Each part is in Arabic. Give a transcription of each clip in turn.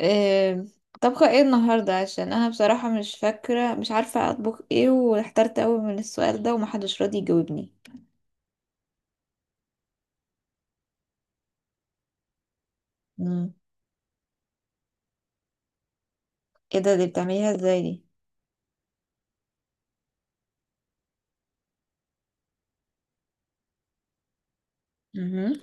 آم، طبخة ايه النهاردة؟ عشان انا بصراحة مش فاكرة، مش عارفة اطبخ ايه، واحترت قوي من السؤال ده ومحدش راضي يجاوبني. مم. ايه ده؟ دي بتعمليها ازاي دي؟ مهم.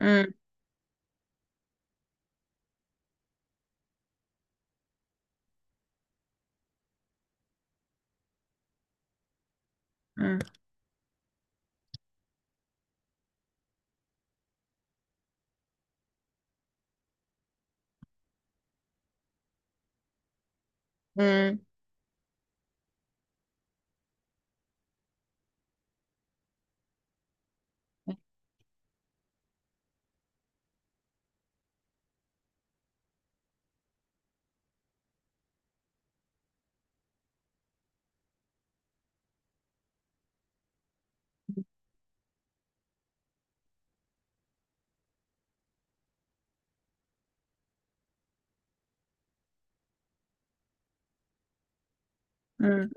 مم. مم. مم. مم.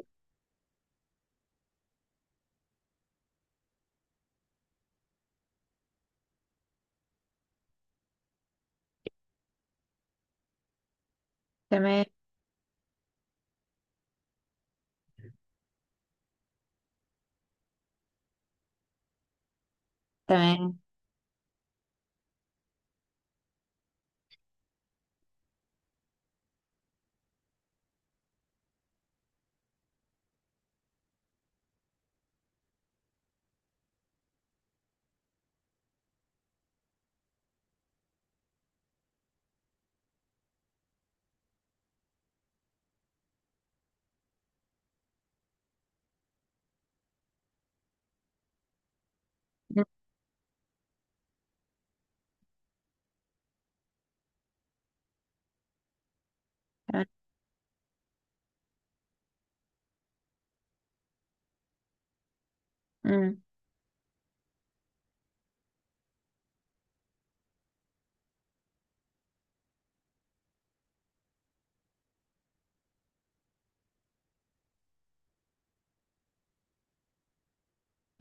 تمام. تمام. مم. تمام. مم.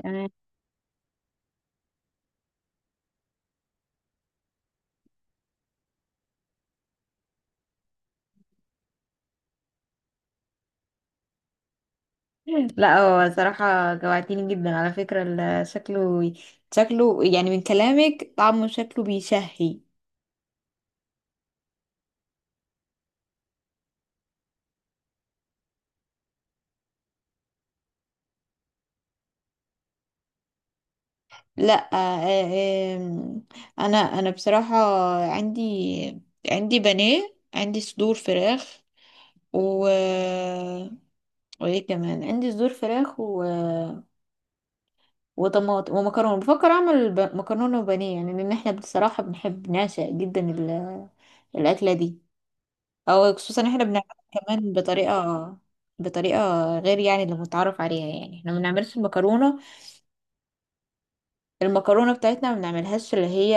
تمام. لا، هو صراحة جوعتيني جدا على فكرة شكله يعني، من كلامك طعمه شكله بيشهي. لا. آه، آه، آم، انا بصراحة عندي عندي بانيه، عندي صدور فراخ و وايه كمان، عندي صدور فراخ وطماطم ومكرونه. بفكر اعمل مكرونه وبانيه، يعني لان احنا بصراحه بنحب نعشق جدا الاكله دي. او خصوصا احنا بنعملها كمان بطريقه غير يعني اللي متعارف عليها. يعني احنا ما بنعملش المكرونه، المكرونة بتاعتنا ما بنعملهاش اللي هي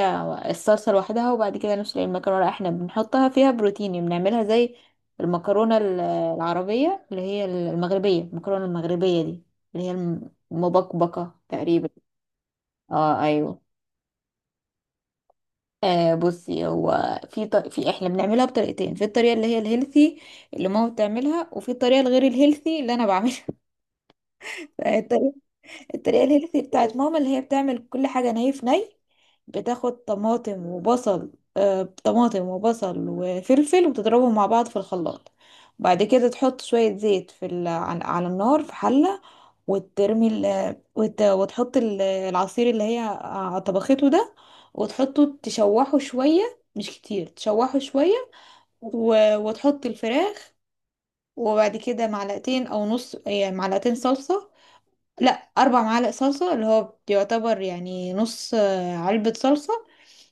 الصلصة لوحدها وبعد كده نسلق المكرونة، لا، احنا بنحطها فيها بروتين يعني، بنعملها زي المكرونة العربية، اللي هي المغربية، المكرونة المغربية دي اللي هي المبكبكة تقريبا. اه، ايوه. بصي، هو في ط... في احنا بنعملها بطريقتين، في الطريقة اللي هي الهيلثي اللي ماما بتعملها، وفي الطريقة الغير الهيلثي اللي انا بعملها. الطريقة الهيلثي بتاعت ماما اللي هي بتعمل كل حاجة ني في ني. بتاخد طماطم وبصل، طماطم وبصل وفلفل وتضربهم مع بعض في الخلاط. وبعد كده تحط شوية زيت على النار في حلة، وترمي وتحط العصير اللي هي طبخته ده، وتحطه تشوحه شوية، مش كتير تشوحه شوية، وتحط الفراخ. وبعد كده معلقتين او نص، يعني معلقتين صلصة، لا، اربع معالق صلصة، اللي هو يعتبر يعني نص علبة صلصة.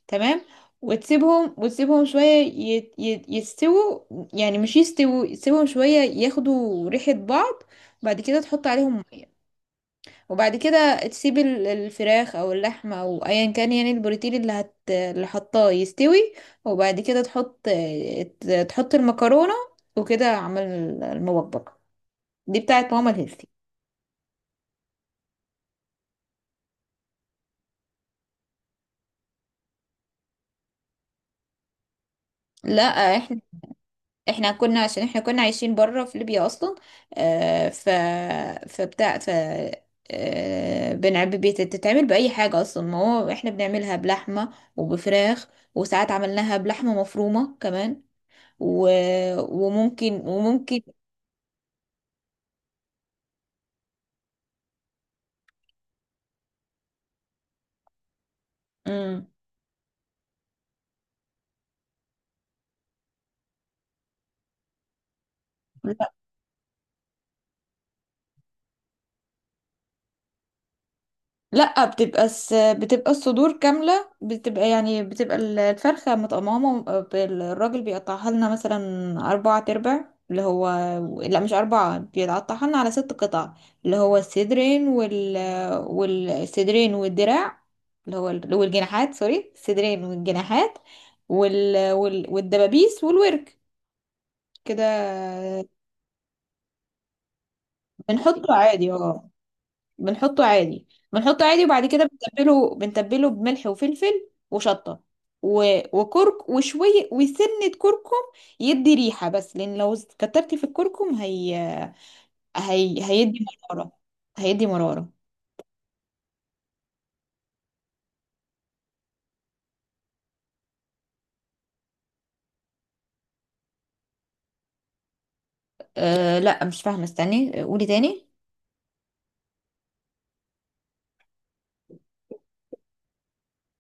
تمام. وتسيبهم شوية يستووا، يعني مش يستووا، تسيبهم شوية ياخدوا ريحة بعض. بعد كده تحط عليهم مية، وبعد كده تسيب الفراخ او اللحمة او ايا كان، يعني البروتين اللي حطاه يستوي. وبعد كده تحط، تحط المكرونة، وكده عمل المبكبكة دي بتاعت ماما الهيلثي. لا، احنا احنا كنا، عشان احنا كنا عايشين بره في ليبيا اصلا. آه ف فبتاع ف آه بنعب بتتعمل باي حاجه اصلا، ما هو احنا بنعملها بلحمه وبفراخ، وساعات عملناها بلحمه مفرومه كمان، و... وممكن. مم. لا، بتبقى الصدور كاملة، بتبقى يعني بتبقى الفرخة متقممة. الراجل بيقطعها لنا مثلا أربعة تربع، اللي هو، لا مش أربعة، بيقطعها لنا على ست قطع، اللي هو الصدرين والصدرين والدراع، اللي هو والجناحات، سوري، الصدرين والجناحات والدبابيس والورك، كده. بنحطه عادي، اه. بنحطه عادي بنحطه عادي، وبعد كده بنتبله بملح وفلفل وشطة، و... وكرك وشوية وسنة كركم، يدي ريحة بس، لأن لو كترتي في الكركم هيدي مرارة، هيدي مرارة. لا، مش فاهمة، استني قولي تاني.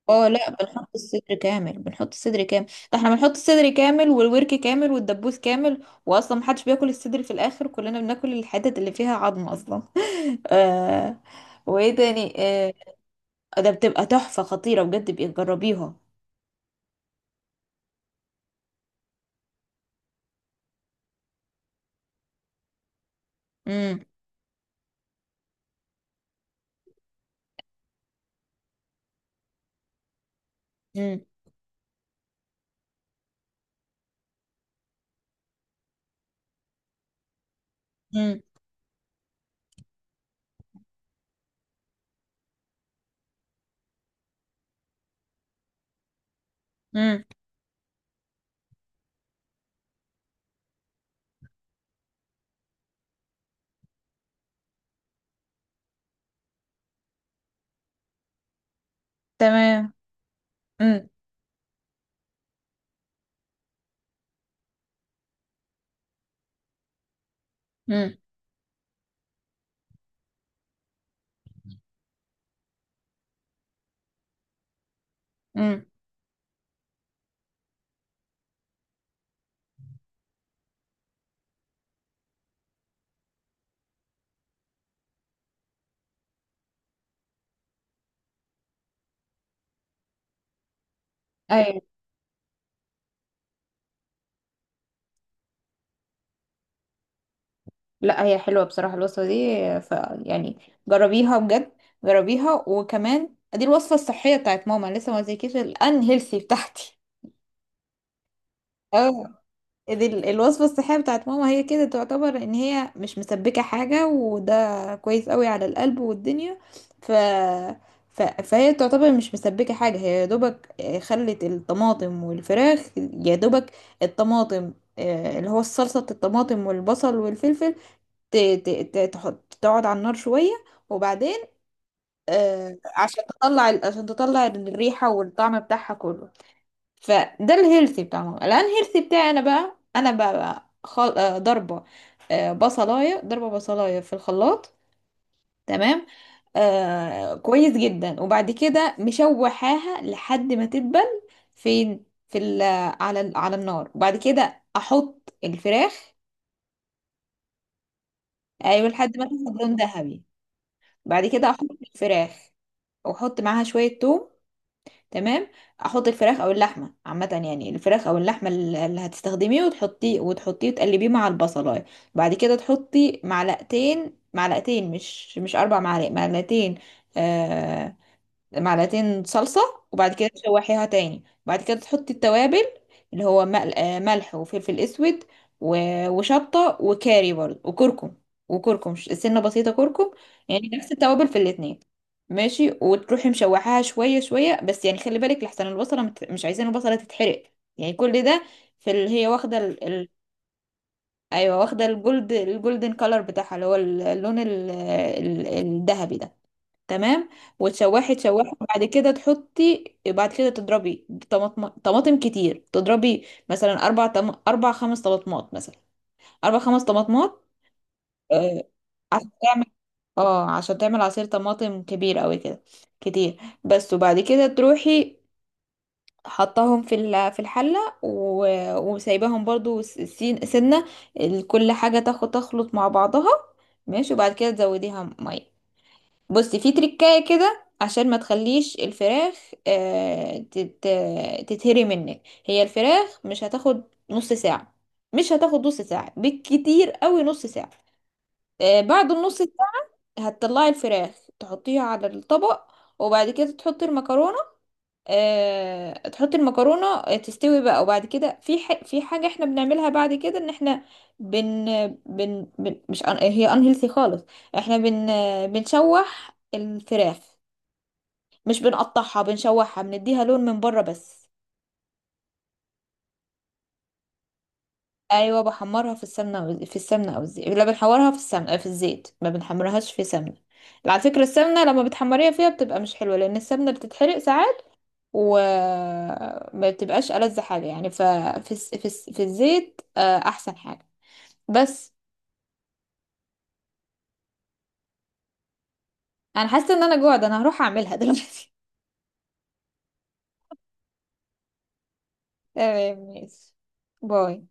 اه، لا، بنحط الصدر كامل. ده احنا بنحط الصدر كامل والورك كامل والدبوس كامل، واصلا محدش بياكل الصدر في الاخر، كلنا بناكل الحتت اللي فيها عظم اصلا. آه. وايه تاني؟ ده بتبقى تحفة خطيرة بجد، بيبقى جربيها. امم. امم. امم. امم. تمام. امم. امم. امم. ايوه. لا هي حلوة بصراحة الوصفة دي. ف يعني جربيها بجد، جربيها. وكمان دي الوصفة الصحية بتاعت ماما، لسه ما قلتلكيش الان هيلثي بتاعتي. اه. دي الوصفة الصحية بتاعت ماما، هي كده تعتبر ان هي مش مسبكة حاجة، وده كويس قوي على القلب والدنيا. ف... فهي تعتبر مش مسبكة حاجة، هي يا دوبك خلت الطماطم والفراخ يا دوبك الطماطم، اللي هو الصلصة، الطماطم والبصل والفلفل، تحط تقعد على النار شوية، وبعدين عشان تطلع، عشان تطلع الريحة والطعم بتاعها كله. فده الهيلثي بتاعهم. الانهيلثي بتاعي انا بقى انا بقى, بقى خل... آه، ضربه، بصلايه، ضربه بصلايه في الخلاط. تمام. كويس جدا. وبعد كده مشوحاها لحد ما تدبل، فين في على النار، وبعد كده احط الفراخ. ايوه، لحد ما تاخد لون ذهبي. بعد كده احط الفراخ، واحط معاها شويه توم. تمام. احط الفراخ او اللحمه عامه، يعني الفراخ او اللحمه اللي هتستخدميه، وتحطيه وتقلبيه مع البصلايه. بعد كده تحطي معلقتين، مش اربع معالق، معلقتين، آه معلقتين صلصة. وبعد كده تشوحيها تاني، وبعد كده تحطي التوابل، اللي هو ملح وفلفل اسود، وشطة وكاري برضه وكركم، وكركم سنة بسيطة كركم، يعني نفس التوابل في الاتنين. ماشي. وتروحي مشوحاها شوية شوية، بس يعني خلي بالك لحسن البصلة، مش عايزين البصلة تتحرق، يعني كل ده في، اللي هي واخدة ايوه، واخدة الجولدن كولر بتاعها، اللي هو اللون الذهبي ده. تمام. وتشوحي وبعد كده تحطي، بعد كده تضربي طماطم كتير، تضربي مثلا اربع خمس طماطمات، مثلا اربع خمس طماطمات، آه، عشان تعمل اه عشان تعمل عصير طماطم كبير قوي كده، كتير بس. وبعد كده تروحي حطاهم في الحله وسايباهم برضو سنه، كل حاجه تاخد تخلط مع بعضها. ماشي. وبعد كده تزوديها ميه. بصي في تريكاية كده، عشان ما تخليش الفراخ تتهري منك. هي الفراخ مش هتاخد نص ساعة، مش هتاخد نص ساعة، بالكتير قوي نص ساعة. بعد النص ساعة هتطلعي الفراخ، تحطيها على الطبق، وبعد كده تحطي المكرونة، تحطي المكرونة، تستوي بقى. وبعد كده في حاجة احنا بنعملها بعد كده، ان احنا بن بن, بن... مش أن... هي unhealthy خالص. احنا بنشوح الفراخ، مش بنقطعها، بنشوحها بنديها لون من بره بس. ايوه، بحمرها في السمنه، أو في السمنه او الزيت، لا بنحورها في السمنه، في الزيت، ما بنحمرهاش في سمنه. على فكره السمنه لما بتحمريها فيها بتبقى مش حلوه، لان السمنه بتتحرق ساعات وما بتبقاش ألذ حاجه يعني، ففي الس- في الس- في الزيت احسن حاجه بس. انا حاسه ان جوعت، انا هروح اعملها دلوقتي. تمام ماشي. باي.